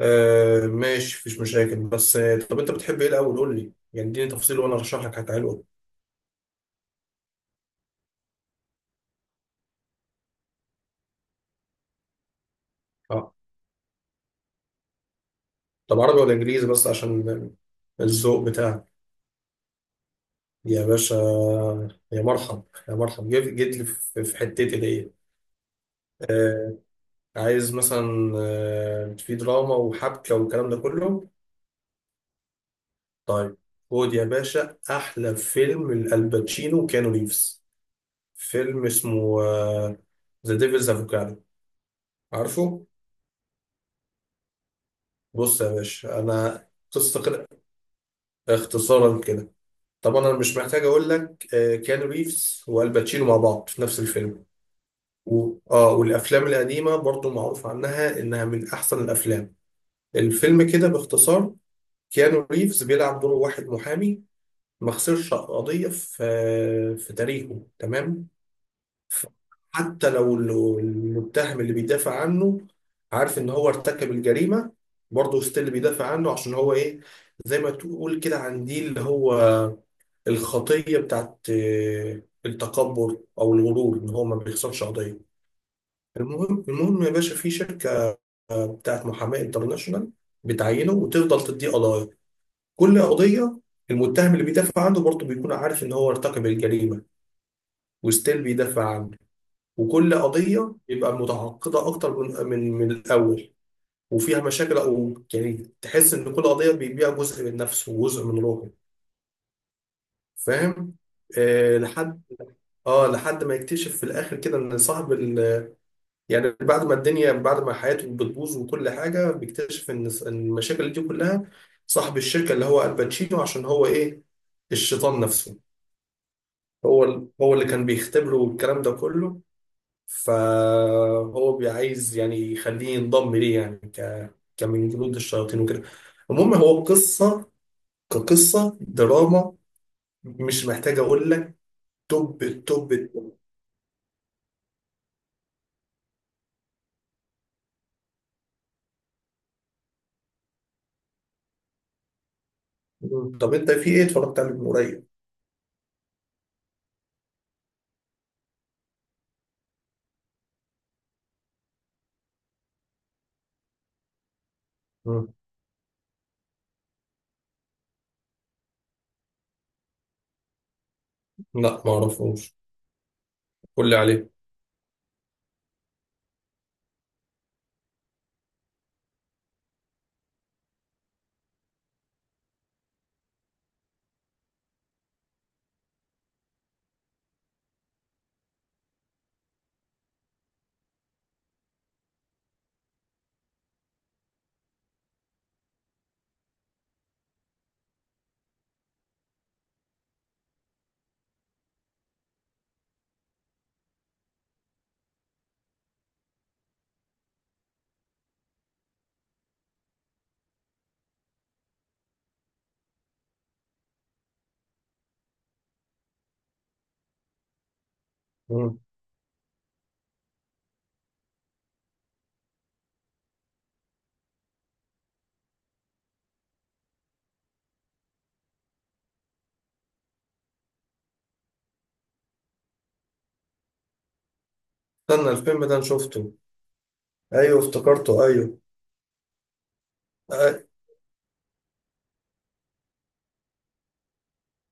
آه، ماشي مفيش مشاكل بس طب انت بتحب ايه الاول قول لي يعني اديني تفصيل وانا ارشح لك حاجه حلوه. اه، طب عربي ولا انجليزي بس عشان الذوق بتاعك يا باشا. يا مرحب، يا مرحب، جيت جيت لي في حتتي دي. آه، عايز مثلا في دراما وحبكه والكلام ده كله. طيب، خد يا باشا احلى فيلم لالباتشينو كانو ريفز. فيلم اسمه ذا ديفلز افوكادو. عارفه؟ بص يا باشا انا، قصه كده، اختصارا كده، طبعا انا مش محتاج اقول لك، كيانو ريفز والباتشينو مع بعض في نفس الفيلم. و... اه والافلام القديمه برضو معروف عنها انها من احسن الافلام. الفيلم كده باختصار، كيانو ريفز بيلعب دور واحد محامي ما خسرش قضيه في تاريخه، تمام. ف- حتى لو المتهم اللي بيدافع عنه عارف ان هو ارتكب الجريمه، برضه ستيل بيدافع عنه عشان هو ايه، زي ما تقول كده عن دي اللي هو الخطية بتاعت التكبر أو الغرور، إن هو ما بيخسرش قضية. المهم يا باشا، في شركة بتاعت محاماة انترناشونال بتعينه وتفضل تديه قضايا. كل قضية المتهم اللي بيدافع عنه برضه بيكون عارف إن هو ارتكب الجريمة، وستيل بيدافع عنه. وكل قضية يبقى متعقدة أكتر من الأول، وفيها مشاكل، أو يعني تحس إن كل قضية بيبيع جزء من نفسه وجزء من روحه. فاهم؟ آه، لحد، اه لحد ما يكتشف في الاخر كده ان صاحب ال... يعني بعد ما الدنيا، بعد ما حياته بتبوظ وكل حاجه، بيكتشف إن المشاكل دي كلها صاحب الشركه، اللي هو الباتشينو، عشان هو ايه، الشيطان نفسه. هو ال... هو اللي كان بيختبره والكلام ده كله. فهو عايز يعني يخليه ينضم ليه، يعني ك... كمن جنود الشياطين وكده. المهم هو قصه، كقصه دراما، مش محتاج اقول لك، توب التوب التوب. طب انت في ايه اتفرجت عليه من قريب؟ لا ما اعرفوش، قول لي عليه. مم. استنى، الفيلم ده انا شفته. ايوه افتكرته، ايوه. أي-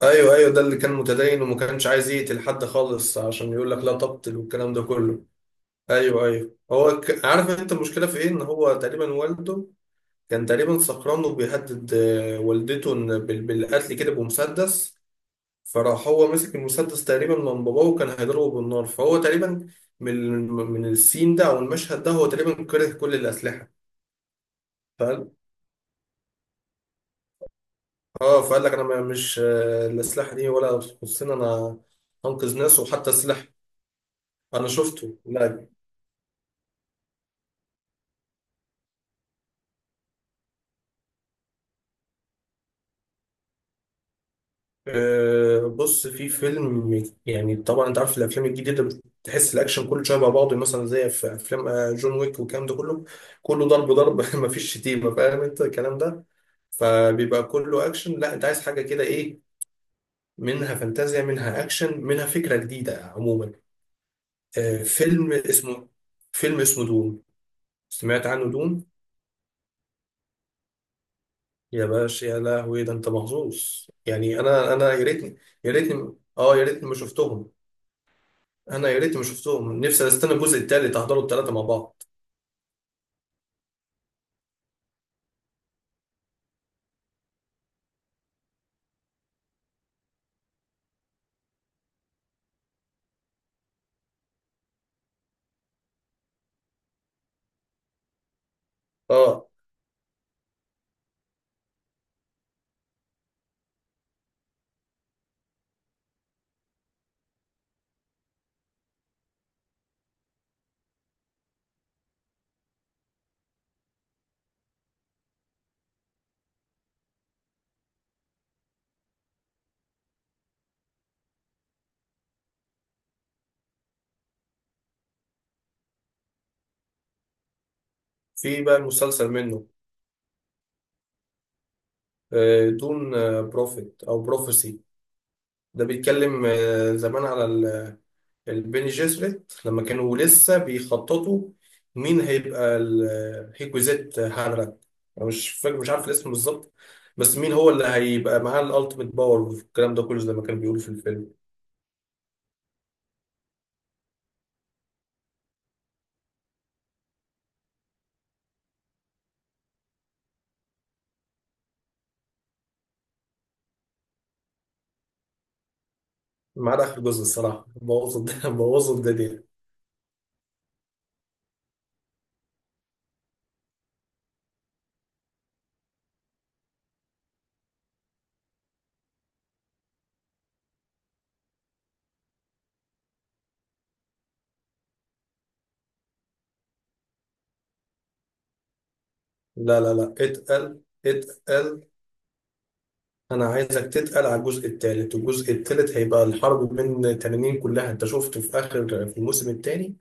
ايوه ايوه، ده اللي كان متدين وما كانش عايز يقتل حد خالص عشان يقول لك لا تقتل والكلام ده كله. ايوه ايوه، هو ك... عارف انت المشكله في ايه، ان هو تقريبا والده كان تقريبا سكران وبيهدد والدته إن بالقتل كده بمسدس، فراح هو مسك المسدس تقريبا من باباه وكان هيضربه بالنار، فهو تقريبا من من السين ده او المشهد ده، هو تقريبا كره كل الاسلحه. اه، فقال لك انا مش الاسلحه دي ولا تخصني انا. انقذ ناس وحتى سلاح. انا شفته، لا. آه، بص في فيلم، يعني طبعا انت عارف الافلام الجديده بتحس الاكشن كله شبه بعضه، مثلا زي في افلام جون ويك والكلام ده كله. كله ضرب ضرب مفيش شتيمه، فاهم انت الكلام ده. فبيبقى كله اكشن. لا، انت عايز حاجه كده ايه، منها فانتازيا، منها اكشن، منها فكره جديده عموما. آه، فيلم اسمه فيلم اسمه دون، سمعت عنه؟ دون. يا باشا يا لهوي، ده انت محظوظ يعني. انا يا ريتني، يا ريتني، اه يا ريتني ما شفتهم. انا يا ريتني ما شفتهم، نفسي استنى الجزء التالت احضره التلاته مع بعض. اه، في بقى المسلسل منه، آه، دون، بروفيت او بروفيسي. ده بيتكلم زمان على البيني جيسريت لما كانوا لسه بيخططوا مين هيبقى الهيكوزيت هانراك، انا مش فاكر مش عارف الاسم بالظبط، بس مين هو اللي هيبقى معاه الالتيميت باور والكلام ده كله زي ما كانوا بيقولوا في الفيلم. ما عدا اخر جزء الصراحه بوظوا بوظوا الدنيا. لا اتقل، اتقل. انا عايزك تتقل على الجزء الثالث. والجزء الثالث هيبقى الحرب من تنانين كلها. انت شفت في اخر في الموسم الثاني،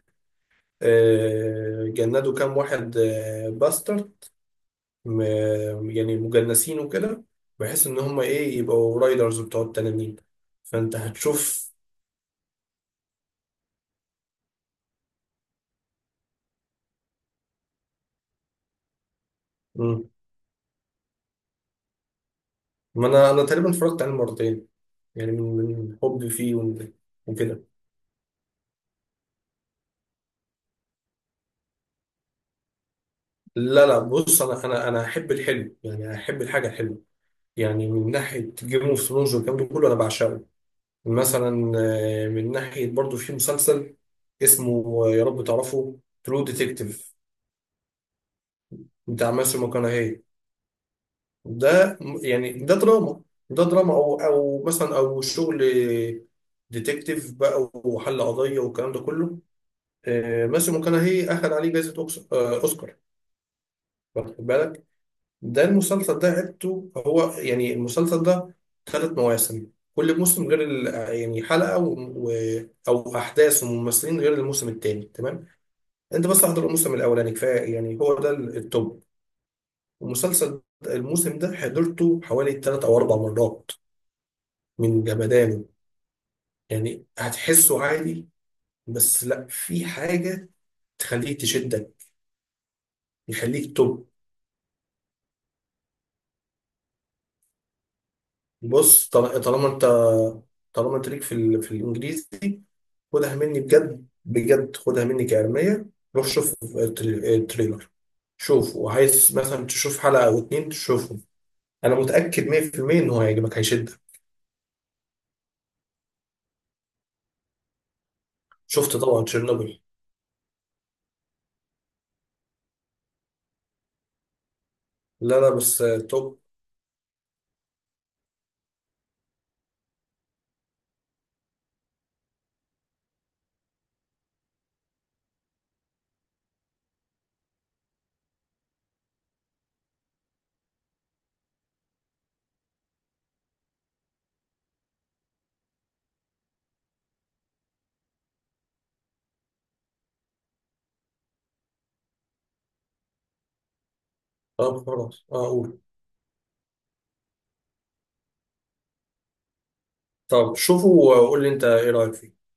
جندوا كام واحد باستر، م- يعني مجنسين وكده، بحيث ان هم ايه، يبقوا رايدرز بتوع التنانين، فانت هتشوف. مم. ما انا انا تقريبا اتفرجت عليه مرتين يعني، من حبي فيه ومن- وكده. لا لا، بص انا احب الحلو، يعني احب الحاجه الحلوه. يعني من ناحيه جيم اوف ثرونز والكلام ده كله انا بعشقه. مثلا، من ناحيه برضو في مسلسل اسمه، يا رب تعرفه، ترو ديتكتيف، بتاع ماسيو ماكونهي. يعني ده دراما، ده دراما او او مثلا او شغل ديتكتيف بقى وحل قضيه والكلام ده كله. ماسيو ماكونهي اخذ عليه جائزه اوسكار، واخد بالك. ده المسلسل ده عدته، هو يعني المسلسل ده ثلاث مواسم. كل موسم غير يعني حلقة أو أحداث وممثلين غير الموسم التاني، تمام. أنت بس احضر الموسم الأولاني كفاية، يعني هو ده التوب. المسلسل ده- الموسم ده حضرته حوالي ثلاث أو أربع مرات من جمدانه. يعني هتحسه عادي، بس لا، في حاجة تخليك تشدك، يخليك توب. بص طالما أنت، طالما أنت ليك في ال... في الإنجليزي، خدها مني بجد بجد، خدها مني كعلمية. روح شوف التريلر، شوف، وعايز مثلا تشوف حلقة أو اتنين تشوفهم. أنا متأكد 100% إن هو هيعجبك هيشدك. شفت طبعا تشيرنوبل. لا لا، بس توب. طب خلاص أقول. طب شوفه وقول لي أنت إيه رأيك فيه.